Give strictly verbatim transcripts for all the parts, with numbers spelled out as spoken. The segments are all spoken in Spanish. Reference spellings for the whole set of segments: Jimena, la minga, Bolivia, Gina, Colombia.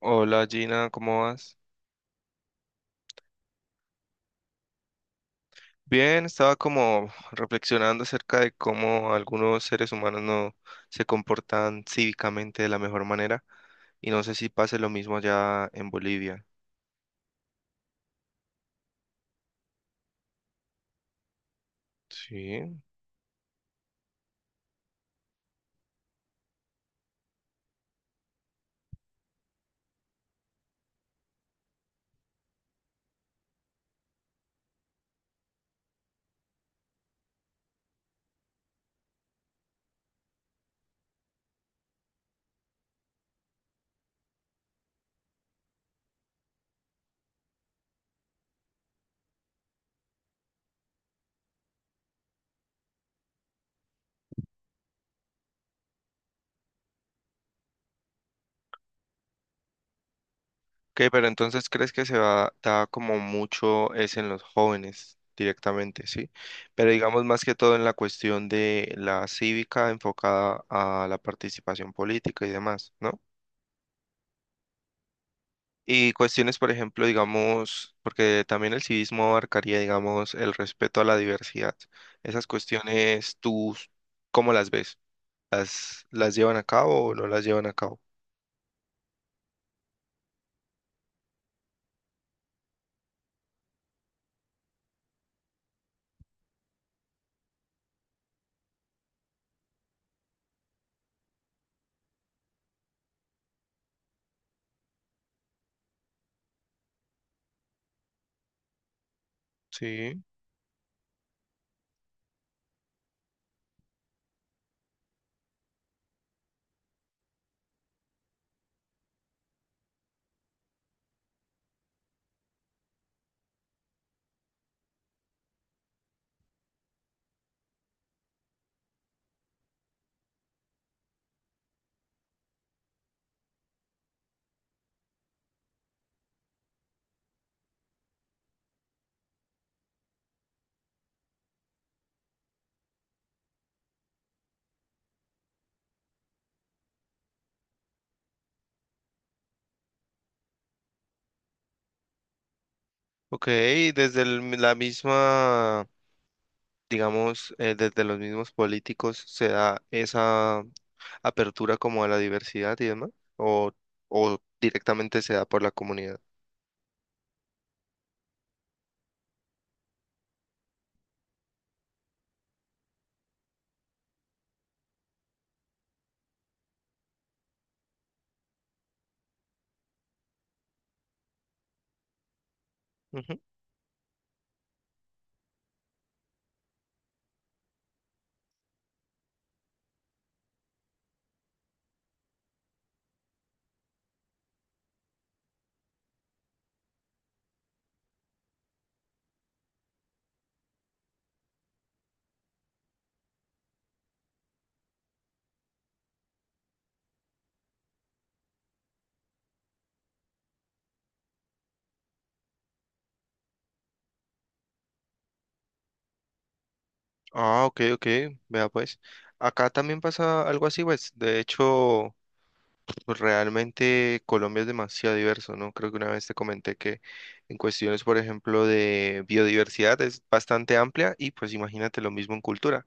Hola Gina, ¿cómo vas? Bien, estaba como reflexionando acerca de cómo algunos seres humanos no se comportan cívicamente de la mejor manera y no sé si pase lo mismo allá en Bolivia. Sí. Ok, pero entonces crees que se va, da como mucho es en los jóvenes directamente, ¿sí? Pero digamos más que todo en la cuestión de la cívica enfocada a la participación política y demás, ¿no? Y cuestiones, por ejemplo, digamos, porque también el civismo abarcaría, digamos, el respeto a la diversidad. Esas cuestiones, ¿tú cómo las ves? ¿Las, las llevan a cabo o no las llevan a cabo? Sí, ok, desde el- la misma, digamos, eh, desde los mismos políticos se da esa apertura como a la diversidad y demás, o, o directamente se da por la comunidad. Ah, ok, ok, vea pues. Acá también pasa algo así, pues. De hecho, pues, realmente Colombia es demasiado diverso, ¿no? Creo que una vez te comenté que en cuestiones, por ejemplo, de biodiversidad es bastante amplia y pues imagínate lo mismo en cultura.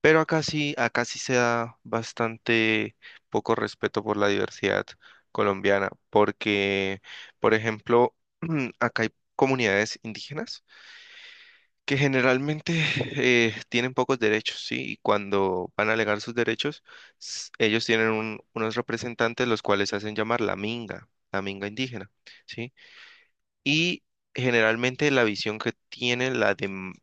Pero acá sí, acá sí se da bastante poco respeto por la diversidad colombiana, porque, por ejemplo, acá hay comunidades indígenas que generalmente eh, tienen pocos derechos, ¿sí? Y cuando van a alegar sus derechos, s- ellos tienen un- unos representantes los cuales se hacen llamar la minga, la minga indígena, ¿sí? Y generalmente la visión que tiene la de m-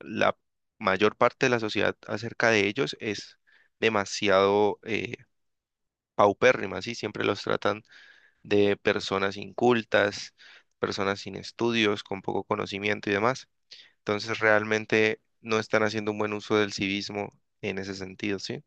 la mayor parte de la sociedad acerca de ellos es demasiado eh, paupérrima, ¿sí? Siempre los tratan de personas incultas, personas sin estudios, con poco conocimiento y demás. Entonces realmente no están haciendo un buen uso del civismo en ese sentido, ¿sí?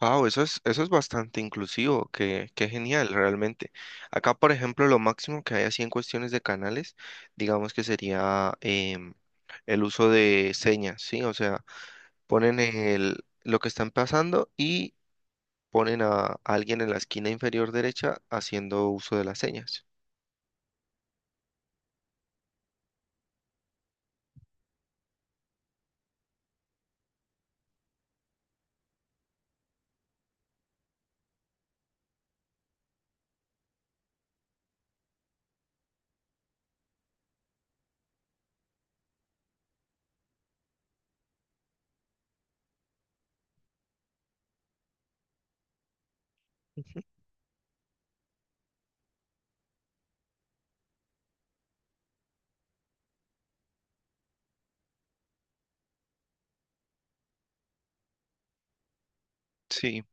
Wow, eso es, eso es bastante inclusivo, qué, qué genial realmente. Acá, por ejemplo, lo máximo que hay así en cuestiones de canales, digamos que sería em, el uso de señas, ¿sí? O sea, ponen el, lo que están pasando y ponen a alguien en la esquina inferior derecha haciendo uso de las señas. Ujú. Sí.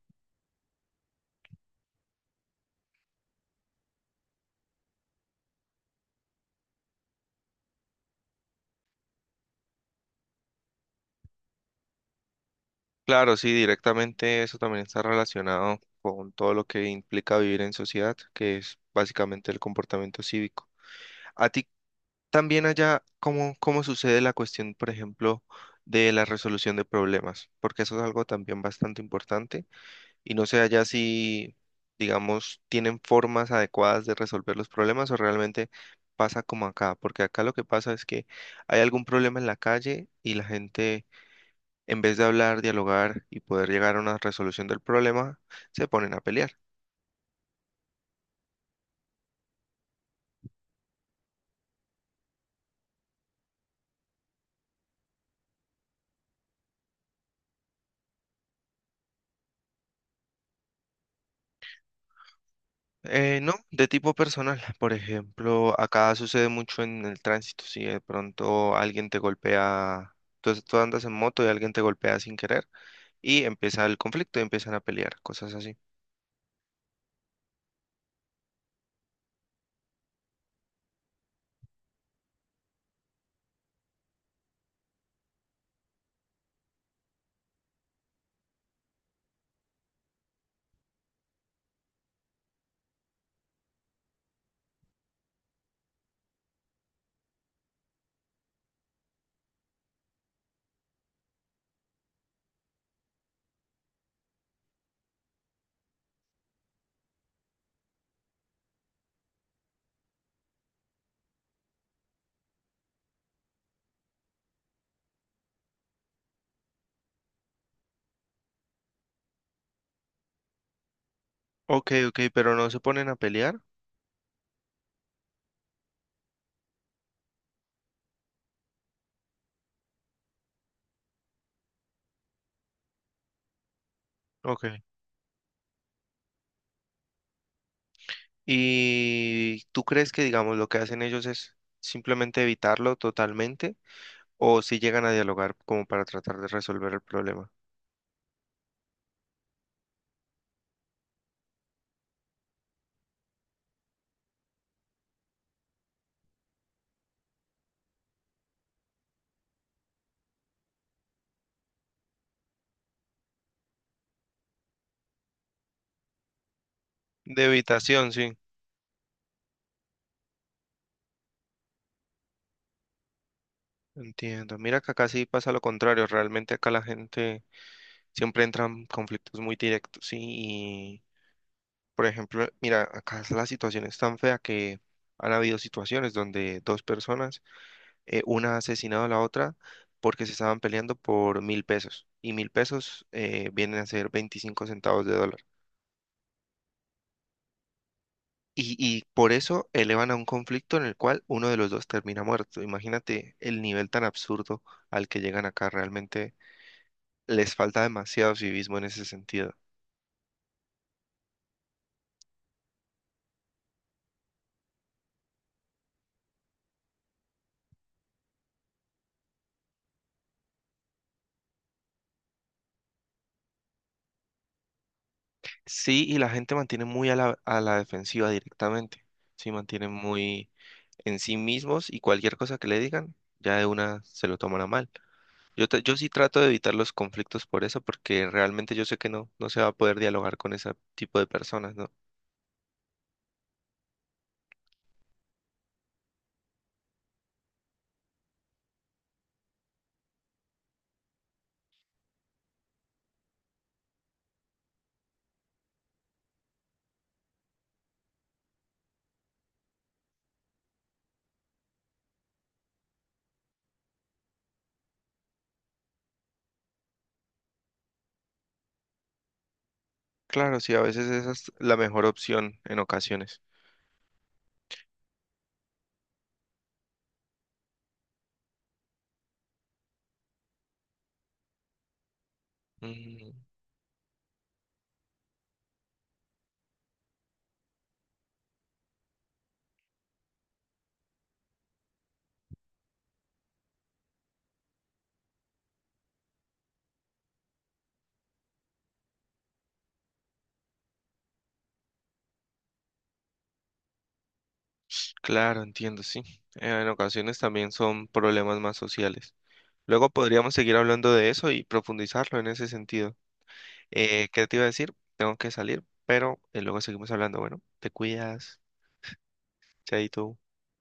Claro, sí, directamente eso también está relacionado con todo lo que implica vivir en sociedad, que es básicamente el comportamiento cívico. A ti también allá, ¿cómo, cómo sucede la cuestión, por ejemplo, de la resolución de problemas? Porque eso es algo también bastante importante y no sé allá si, digamos, tienen formas adecuadas de resolver los problemas o realmente pasa como acá, porque acá lo que pasa es que hay algún problema en la calle y la gente en vez de hablar, dialogar y poder llegar a una resolución del problema, se ponen a pelear. Eh, no, de tipo personal. Por ejemplo, acá sucede mucho en el tránsito. Si de pronto alguien te golpea, tú, tú andas en moto y alguien te golpea sin querer y empieza el conflicto y empiezan a pelear, cosas así. Ok, ok, pero no se ponen a pelear. Ok. ¿Y tú crees que, digamos, lo que hacen ellos es simplemente evitarlo totalmente o si llegan a dialogar como para tratar de resolver el problema? De habitación, sí, entiendo. Mira que acá sí pasa lo contrario. Realmente acá la gente siempre entra en conflictos muy directos, sí. Y, por ejemplo, mira, acá la situación es tan fea que han habido situaciones donde dos personas, eh, una ha asesinado a la otra porque se estaban peleando por mil pesos. Y mil pesos eh, vienen a ser veinticinco centavos de dólar. Y, y por eso elevan a un conflicto en el cual uno de los dos termina muerto. Imagínate el nivel tan absurdo al que llegan acá realmente les falta demasiado civismo en ese sentido. Sí, y la gente mantiene muy a la, a la defensiva directamente. Sí, mantienen muy en sí mismos y cualquier cosa que le digan, ya de una se lo toman a mal. Yo, te- yo sí trato de evitar los conflictos por eso, porque realmente yo sé que no, no se va a poder dialogar con ese tipo de personas, ¿no? Claro, sí, a veces esa es la mejor opción en ocasiones. Mm, claro, entiendo, sí. Eh, en ocasiones también son problemas más sociales. Luego podríamos seguir hablando de eso y profundizarlo en ese sentido. Eh, ¿qué te iba a decir? Tengo que salir, pero eh, luego seguimos hablando. Bueno, te cuidas, chaito.